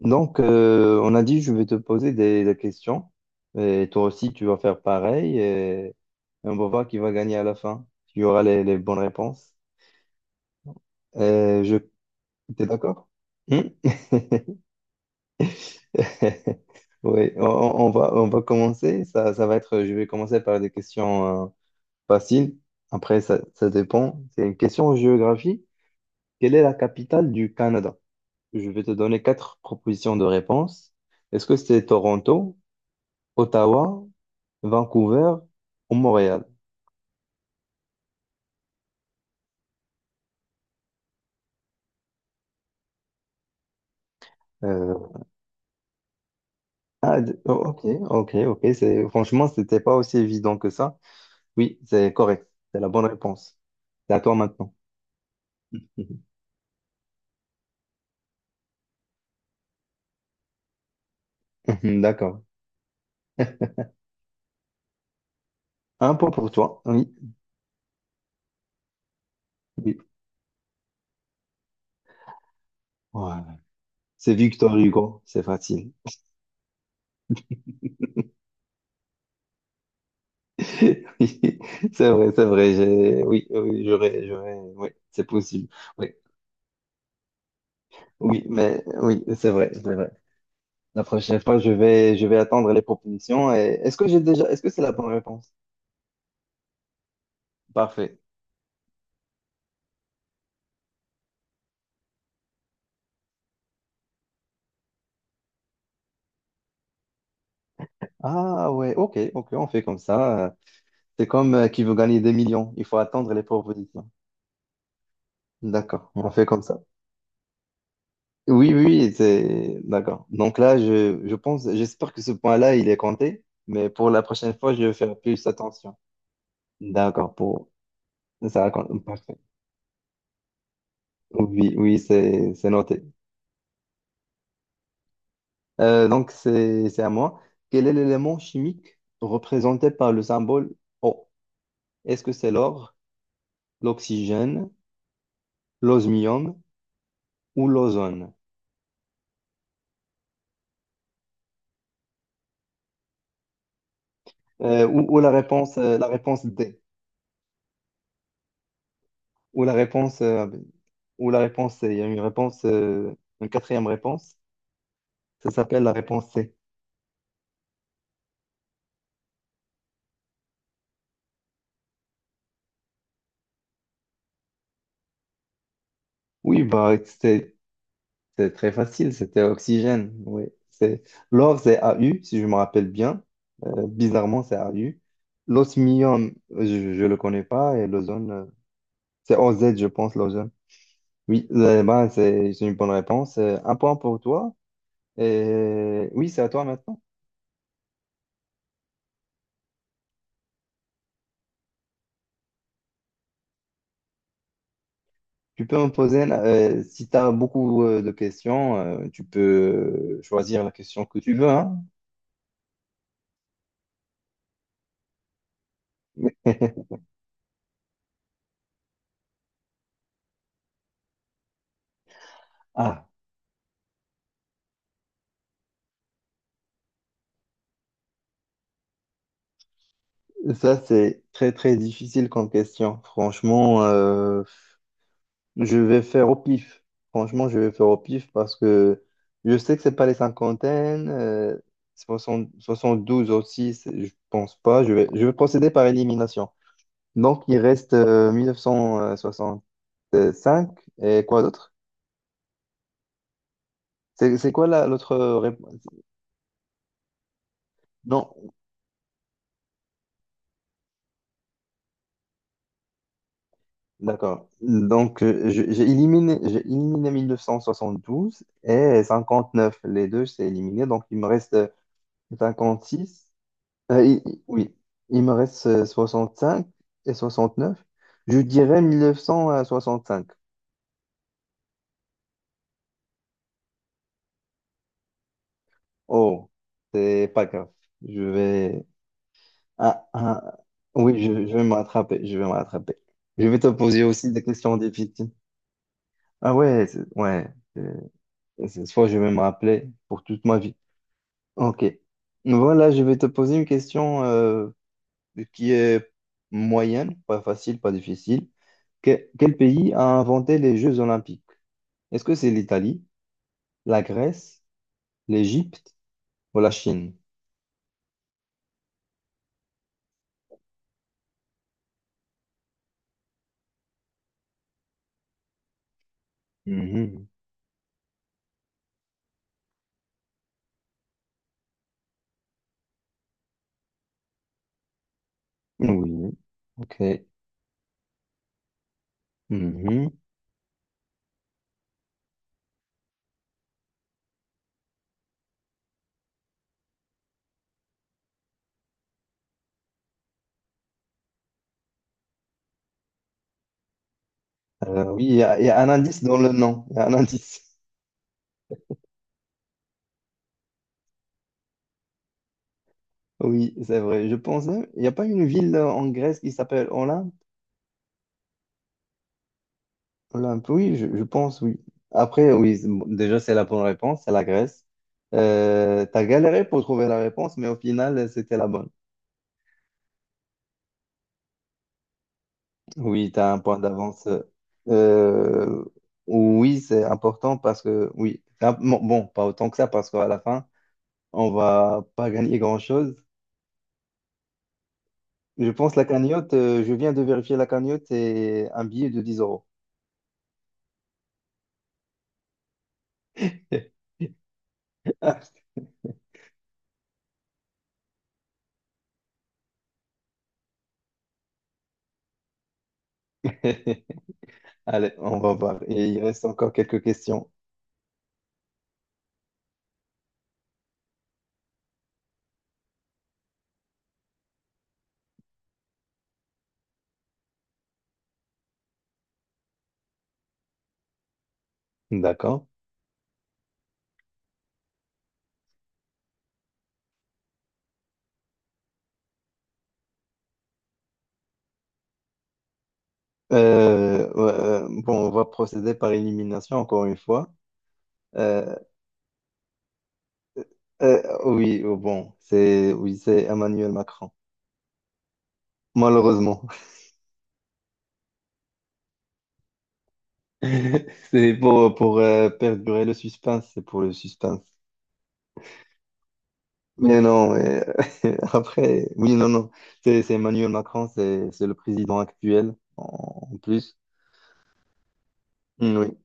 Donc, on a dit, je vais te poser des questions. Et toi aussi, tu vas faire pareil. Et on va voir qui va gagner à la fin. Tu auras les bonnes réponses. Euh, je, T'es d'accord? Hmm. Oui, on va commencer. Je vais commencer par des questions faciles. Après, ça dépend. C'est une question en géographie. Quelle est la capitale du Canada? Je vais te donner quatre propositions de réponses. Est-ce que c'est Toronto? Ottawa, Vancouver ou Montréal. Euh, ok, ok, ok. C'est, franchement, c'était pas aussi évident que ça. Oui, c'est correct. C'est la bonne réponse. C'est à toi maintenant. D'accord. Un point pour toi. Oui, oui. Voilà. C'est Victor Hugo. C'est facile. Oui, c'est vrai, c'est vrai. Oui, oui, j'aurais, oui, c'est possible. Oui, oui, mais oui, c'est vrai, c'est vrai. La prochaine fois, je vais attendre les propositions. Et est-ce que c'est la bonne réponse? Parfait. Ah ouais, ok, ok, on fait comme ça. C'est comme qui veut gagner des millions. Il faut attendre les propositions. D'accord, on fait comme ça. Oui, oui, oui, c'est d'accord. Donc là, je pense, j'espère que ce point-là, il est compté, mais pour la prochaine fois, je vais faire plus attention. D'accord, pour ça, parfait. Oui, oui, c'est noté. Donc c'est à moi. Quel est l'élément chimique représenté par le symbole O? Est-ce que c'est l'or, l'oxygène, l'osmium ou l'ozone? Ou la réponse D. Ou la réponse, euh, ou la réponse C. Il y a une quatrième réponse. Ça s'appelle la réponse C. Oui, bah, c'est très facile. C'était oxygène. Oui. C'est, L'or, c'est AU, si je me rappelle bien. Bizarrement, c'est AU. L'osmium, je le connais pas. Et l'ozone, c'est OZ, je pense, l'ozone. Oui, bah, c'est une bonne réponse. Un point pour toi. Et oui, c'est à toi maintenant. Tu peux me poser, si tu as beaucoup de questions, tu peux choisir la question que tu veux, hein. Ah, ça c'est très très difficile comme question. Franchement, je vais faire au pif. Franchement, je vais faire au pif parce que je sais que c'est pas les cinquantaines, 72 aussi, je pense pas. Je vais procéder par élimination. Donc il reste cinq et quoi d'autre? C'est quoi l'autre réponse? Non, d'accord. Donc, j'ai éliminé 12 et 59. Les deux, c'est éliminé. Donc, il me reste six. Oui, il me reste cinq et 69. Je dirais 1965. Oh, c'est pas grave. Je vais. Ah, ah, oui, je vais me rattraper. Je vais me rattraper. Je vais te poser aussi des questions difficiles. Ah ouais, ouais. euh, Cette fois, je vais me rappeler pour toute ma vie. Ok. Voilà, je vais te poser une question qui est moyenne, pas facile, pas difficile. Quel pays a inventé les Jeux Olympiques? Est-ce que c'est l'Italie, la Grèce, l'Égypte ou la Chine? Mhm. Oui, ok. Mhm. Oui, il y a un indice dans le nom. Il y a un indice. Oui, c'est vrai. Je pense, il n'y a pas une ville en Grèce qui s'appelle Olympe? Olympe, oui, je pense, oui. Après, oui, bon, déjà, c'est la bonne réponse, c'est la Grèce. T'as galéré pour trouver la réponse, mais au final, c'était la bonne. Oui, t'as un point d'avance. Euh, oui, c'est important parce que, oui, bon, bon, pas autant que ça, parce qu'à la fin, on va pas gagner grand-chose. Je pense la cagnotte, je viens de vérifier la cagnotte, c'est un billet de 10 euros. Allez, on va voir. Et il reste encore quelques questions. D'accord. Ouais, bon, on va procéder par élimination encore une fois. Euh, oui, oh, bon, c'est oui, c'est Emmanuel Macron. Malheureusement, c'est pour perdurer le suspense, c'est pour le suspense. Mais non, mais après, oui, non, non. C'est Emmanuel Macron, c'est le président actuel en plus. Mm, oui,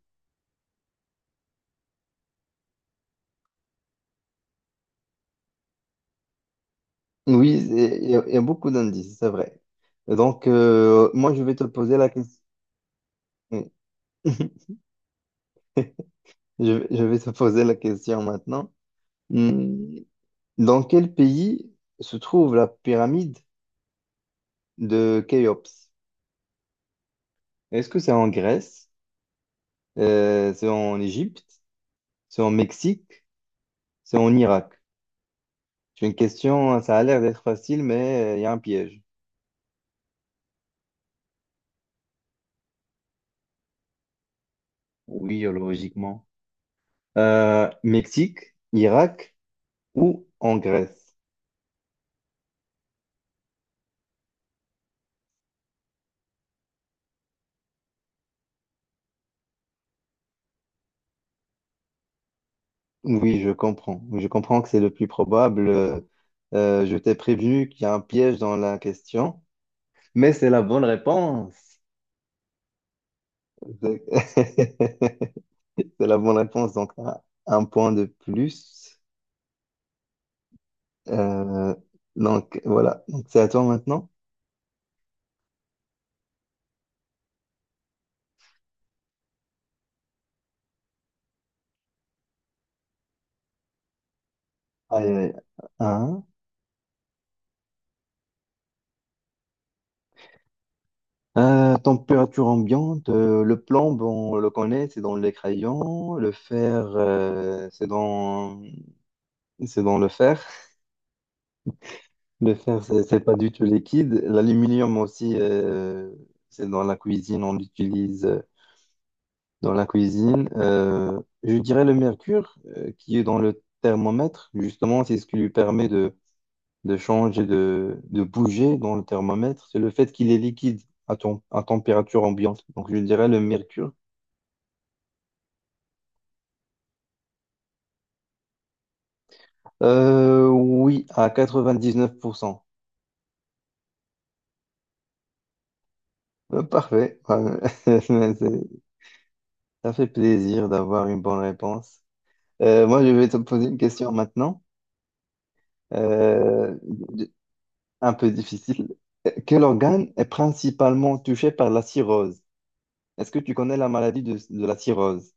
oui, il y a beaucoup d'indices, c'est vrai. Et donc, moi, je vais te poser la question. Je vais te poser la question maintenant. Mm, Dans quel pays se trouve la pyramide de Khéops? Est-ce que c'est en Grèce? C'est en Égypte? C'est en Mexique? C'est en Irak? J'ai une question, hein, ça a l'air d'être facile, mais il y a un piège. Oui, logiquement. Mexique, Irak ou en Grèce? Oui, je comprends. Je comprends que c'est le plus probable. Je t'ai prévenu qu'il y a un piège dans la question, mais c'est la bonne réponse. C'est c'est la bonne réponse, donc un point de plus. Euh, donc voilà, donc c'est à toi maintenant. Aïe, aïe, aïe. Température ambiante, le plomb, bon, on le connaît, c'est dans les crayons. Le fer, c'est dans le fer. Le fer, c'est pas du tout liquide. L'aluminium aussi, c'est dans la cuisine, on l'utilise dans la cuisine. Je dirais le mercure, qui est dans le thermomètre, justement, c'est ce qui lui permet de changer, de bouger dans le thermomètre. C'est le fait qu'il est liquide à température ambiante. Donc, je dirais le mercure. Oui, à 99%. Parfait. C'est- Ça fait plaisir d'avoir une bonne réponse. Moi, je vais te poser une question maintenant, euh, d- un peu difficile. Quel organe est principalement touché par la cirrhose? Est-ce que tu connais la maladie de la cirrhose?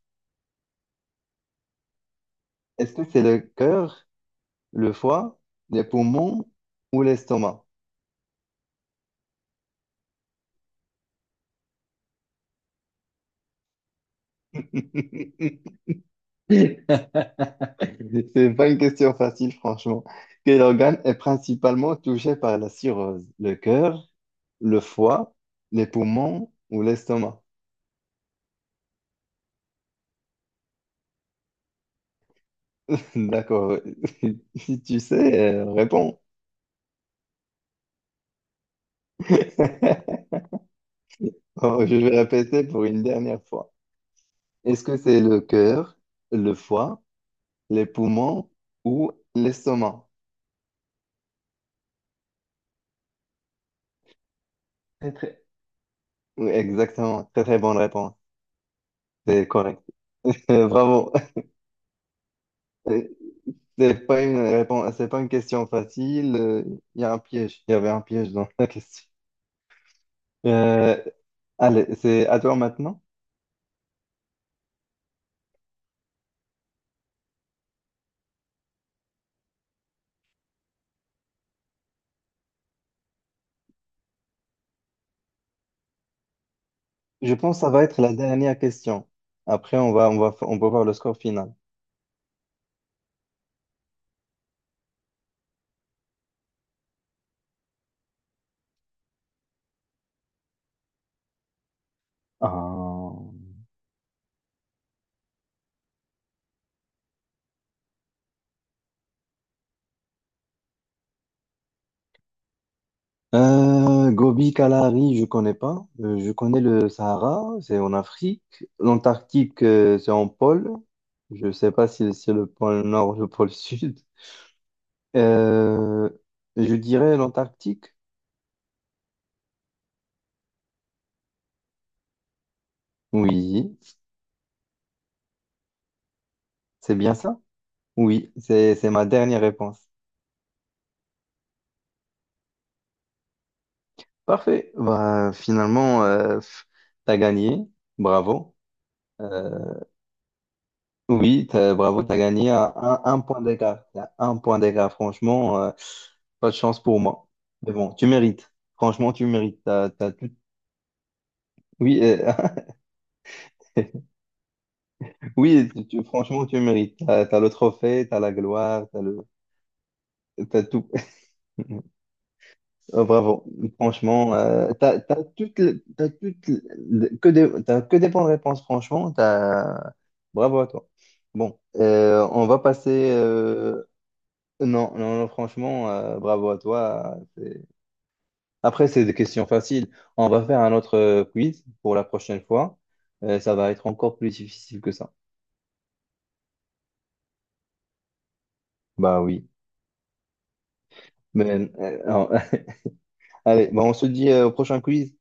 Est-ce que c'est le cœur, le foie, les poumons ou l'estomac? C'est pas une question facile, franchement. Quel organe est principalement touché par la cirrhose? Le cœur, le foie, les poumons ou l'estomac? D'accord. Si tu sais, réponds. Oh, je vais répéter pour une dernière fois. Est-ce que c'est le cœur, le foie, les poumons ou l'estomac? Très, très- Oui, exactement. Très, très bonne réponse. C'est correct. Bravo. C'est pas une réponse, c'est pas une question facile. Il y a un piège. Il y avait un piège dans la question. Euh, Allez, c'est à toi maintenant. Je pense que ça va être la dernière question. Après, on va voir le score final. Ah. Gobi, Kalahari, je connais pas. Je connais le Sahara, c'est en Afrique. L'Antarctique, c'est en pôle. Je sais pas si c'est le pôle Nord ou le pôle Sud. Euh, je dirais l'Antarctique. Oui, c'est bien ça. Oui, c'est ma dernière réponse. Parfait. Bah, finalement, t'as gagné. Bravo. Euh, Oui, bravo, tu as gagné à un point d'écart. Il y a un point d'écart, franchement, pas de chance pour moi. Mais bon, tu mérites. Franchement, tu mérites. T'as tout. Oui, oui, franchement, tu mérites. Tu as le trophée, tu as la gloire, t'as tout. Oh, bravo, franchement, t'as que des bonnes réponses, franchement, bravo à toi. Bon, on va passer, non, non, non, franchement, bravo à toi. Après, c'est des questions faciles. On va faire un autre quiz pour la prochaine fois. Ça va être encore plus difficile que ça. Bah oui. Mais, non. Allez, bah, on se dit au prochain quiz.